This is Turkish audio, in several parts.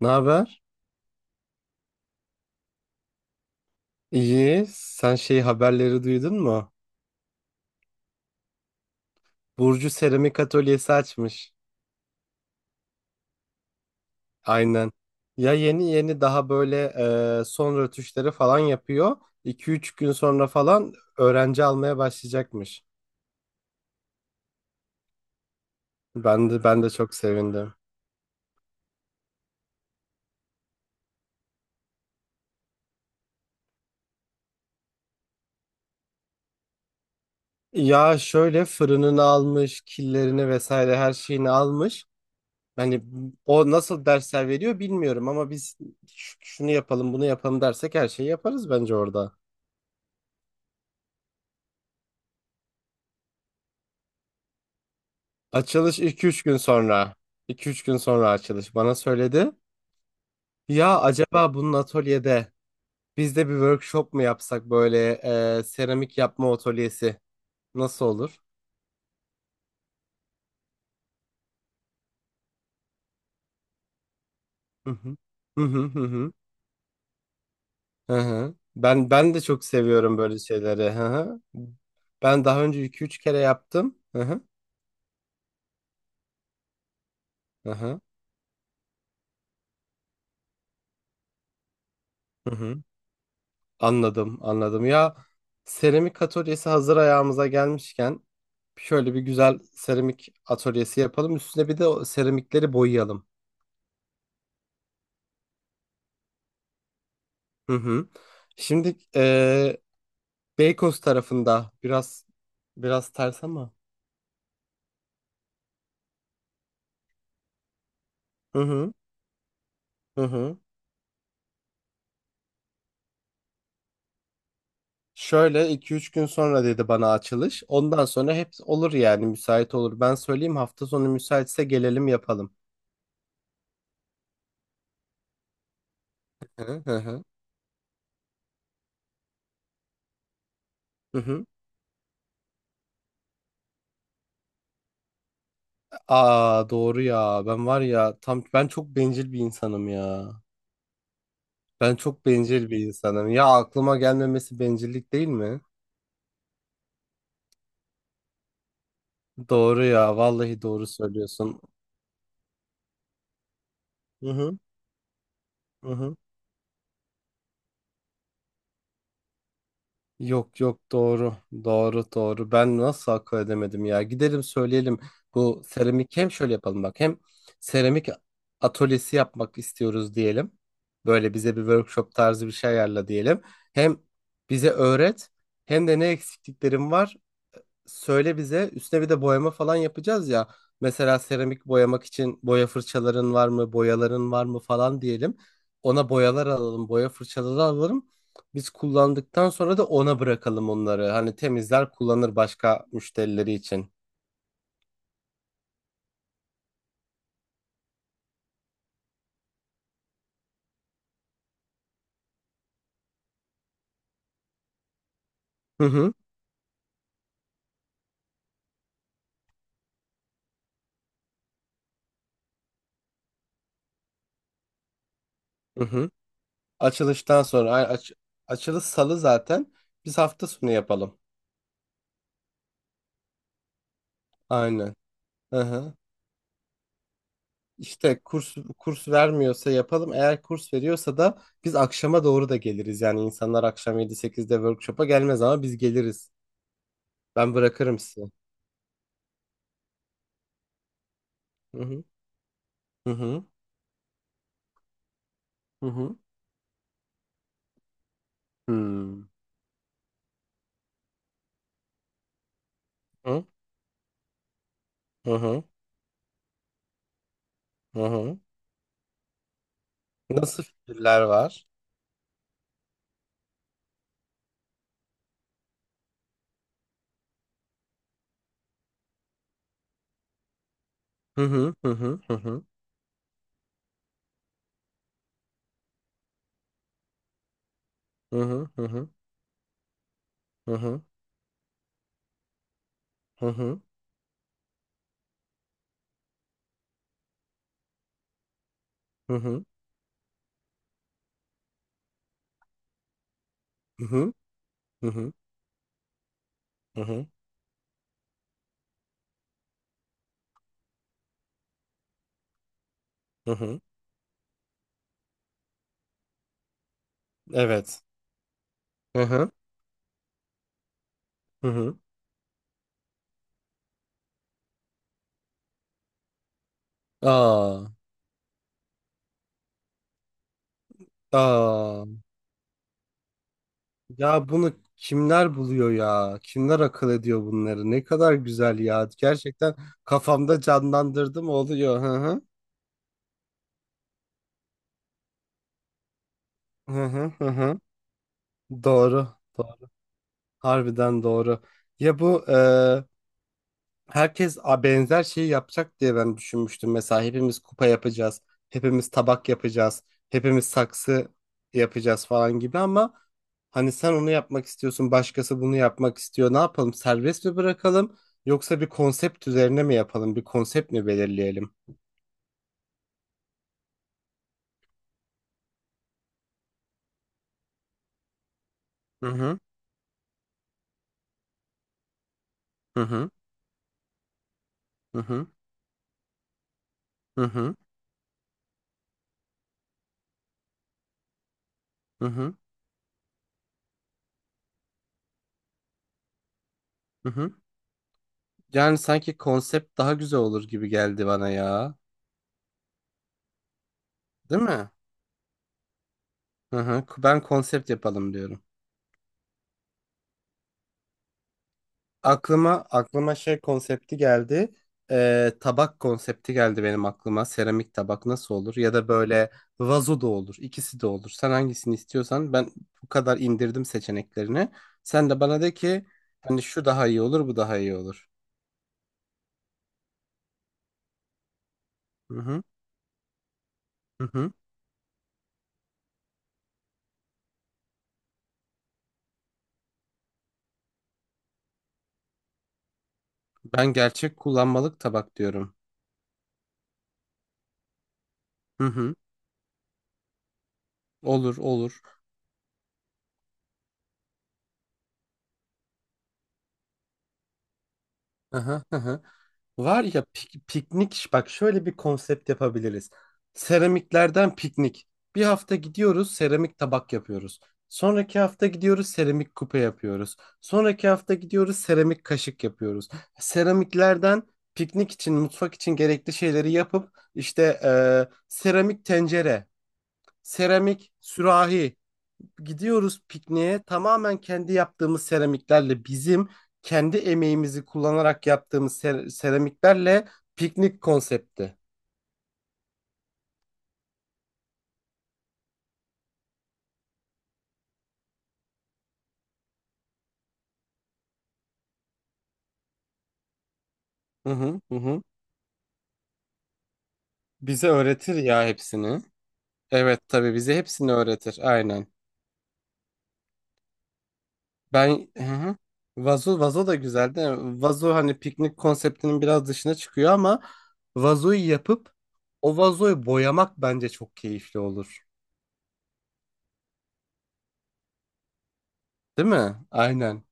Ne haber? İyi. Sen şey haberleri duydun mu? Burcu seramik atölyesi açmış. Aynen. Ya yeni yeni daha böyle son rötuşları falan yapıyor. iki üç gün sonra falan öğrenci almaya başlayacakmış. Ben de çok sevindim. Ya şöyle fırınını almış, killerini vesaire her şeyini almış. Hani o nasıl dersler veriyor bilmiyorum ama biz şunu yapalım, bunu yapalım dersek her şeyi yaparız bence orada. Açılış iki üç gün sonra. İki üç gün sonra açılış bana söyledi. Ya acaba bunun atölyede biz de bir workshop mu yapsak böyle seramik yapma atölyesi nasıl olur? Hı hı. Hı hı hı hı. Hı hı. Ben de çok seviyorum böyle şeyleri. Hı hı. Ben daha önce iki üç kere yaptım. Hı hı. Hı hı. Hı hı. Anladım, anladım. Ya seramik atölyesi hazır ayağımıza gelmişken şöyle bir güzel seramik atölyesi yapalım. Üstüne bir de o seramikleri boyayalım. Hı hı. Şimdi Beykoz tarafında biraz ters ama. Hı hı. Hı hı. Şöyle iki üç gün sonra dedi bana açılış. Ondan sonra hep olur yani müsait olur. Ben söyleyeyim hafta sonu müsaitse gelelim yapalım. Hı hı hı. Hı. Aa doğru ya. Ben var ya tam ben çok bencil bir insanım ya. Ben çok bencil bir insanım. Ya aklıma gelmemesi bencillik değil mi? Doğru ya. Vallahi doğru söylüyorsun. Hı hı. Hı hı. Yok yok doğru. Doğru doğru. Ben nasıl akıl edemedim ya. Gidelim söyleyelim. Bu seramik hem şöyle yapalım bak. Hem seramik atölyesi yapmak istiyoruz diyelim. Böyle bize bir workshop tarzı bir şey ayarla diyelim. Hem bize öğret hem de ne eksikliklerim var söyle bize. Üstüne bir de boyama falan yapacağız ya. Mesela seramik boyamak için boya fırçaların var mı, boyaların var mı falan diyelim. Ona boyalar alalım, boya fırçaları alalım. Biz kullandıktan sonra da ona bırakalım onları. Hani temizler kullanır başka müşterileri için. Hı hı. Hı hı. Açılıştan sonra açılış salı zaten. Biz hafta sonu yapalım. Aynen. Hı hı. İşte kurs vermiyorsa yapalım. Eğer kurs veriyorsa da biz akşama doğru da geliriz. Yani insanlar akşam 7-8'de workshop'a gelmez ama biz geliriz. Ben bırakırım sizi. Hı hı. Hı hı. Hı hı. Hmm. Hı hı. Hı hı. Hı. Nasıl fikirler var? Hı hı. Hı hı. Hı hı. Hı hı. Hı hı. Hı hı. Hı hı. Hı hı. Hı hı. Hı hı. Hı hı. Hı hı. Evet. Hı hı. Hı hı. Aa. Aa. Ya bunu kimler buluyor ya? Kimler akıl ediyor bunları? Ne kadar güzel ya. Gerçekten kafamda canlandırdım oluyor. Hı hı. Hı hı hı. Hı. Doğru. Doğru. Harbiden doğru. Ya bu herkes benzer şeyi yapacak diye ben düşünmüştüm. Mesela hepimiz kupa yapacağız, hepimiz tabak yapacağız, hepimiz saksı yapacağız falan gibi ama hani sen onu yapmak istiyorsun, başkası bunu yapmak istiyor. Ne yapalım? Serbest mi bırakalım yoksa bir konsept üzerine mi yapalım? Bir konsept mi belirleyelim? Hı hı hı hı hı hı hı hı hı hı. Hı hı. Yani sanki konsept daha güzel olur gibi geldi bana ya. Değil mi? Hı hı. Ben konsept yapalım diyorum. Aklıma şey konsepti geldi. Tabak konsepti geldi benim aklıma. Seramik tabak nasıl olur? Ya da böyle vazo da olur. İkisi de olur. Sen hangisini istiyorsan ben bu kadar indirdim seçeneklerini. Sen de bana de ki hani şu daha iyi olur, bu daha iyi olur. Hı hı. Hı hı. Ben gerçek kullanmalık tabak diyorum. Hı hı. Olur, olur. Hı hı. Hı hı. Var ya piknik bak şöyle bir konsept yapabiliriz. Seramiklerden piknik. Bir hafta gidiyoruz seramik tabak yapıyoruz. Sonraki hafta gidiyoruz seramik kupa yapıyoruz. Sonraki hafta gidiyoruz seramik kaşık yapıyoruz. Seramiklerden piknik için mutfak için gerekli şeyleri yapıp işte seramik tencere, seramik sürahi, gidiyoruz pikniğe tamamen kendi yaptığımız seramiklerle bizim kendi emeğimizi kullanarak yaptığımız seramiklerle piknik konsepti. Hı hı hı. Hı. Bize öğretir ya hepsini. Evet tabii bize hepsini öğretir aynen. Ben hı hı. Vazo da güzel değil mi? Vazo hani piknik konseptinin biraz dışına çıkıyor ama vazoyu yapıp o vazoyu boyamak bence çok keyifli olur. Değil mi? Aynen.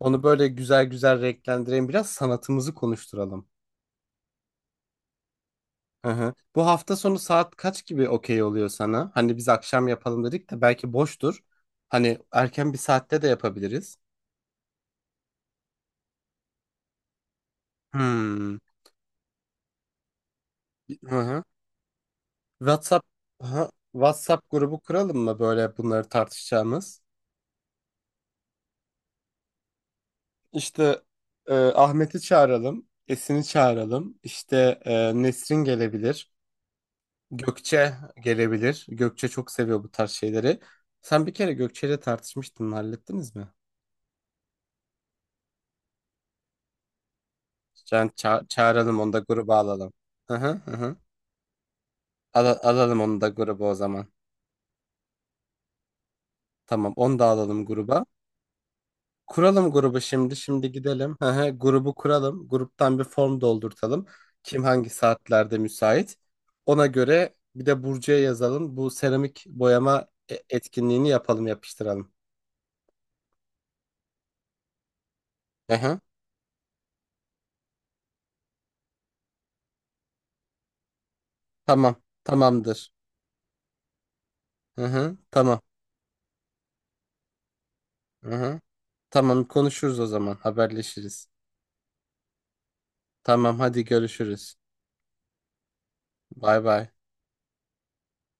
Onu böyle güzel güzel renklendirelim. Biraz sanatımızı konuşturalım. Hı hı. Bu hafta sonu saat kaç gibi okey oluyor sana? Hani biz akşam yapalım dedik de belki boştur. Hani erken bir saatte de yapabiliriz. Hmm. Hı hı. WhatsApp Aha, WhatsApp grubu kuralım mı böyle bunları tartışacağımız? İşte Ahmet'i çağıralım, Esin'i çağıralım. İşte Nesrin gelebilir, Gökçe gelebilir. Gökçe çok seviyor bu tarz şeyleri. Sen bir kere Gökçe'yle tartışmıştın, hallettiniz mi? Yani çağıralım onu da gruba alalım. Hı hı hı. Hı. Alalım onu da gruba o zaman. Tamam, onu da alalım gruba. Kuralım grubu şimdi. Şimdi gidelim. Hı hı, grubu kuralım. Gruptan bir form doldurtalım. Kim hangi saatlerde müsait. Ona göre bir de Burcu'ya yazalım. Bu seramik boyama etkinliğini yapalım, yapıştıralım. Hı hı. Tamam. Tamamdır. Hı hı. Tamam. Hı hı. Tamam konuşuruz o zaman. Haberleşiriz. Tamam hadi görüşürüz. Bay bay.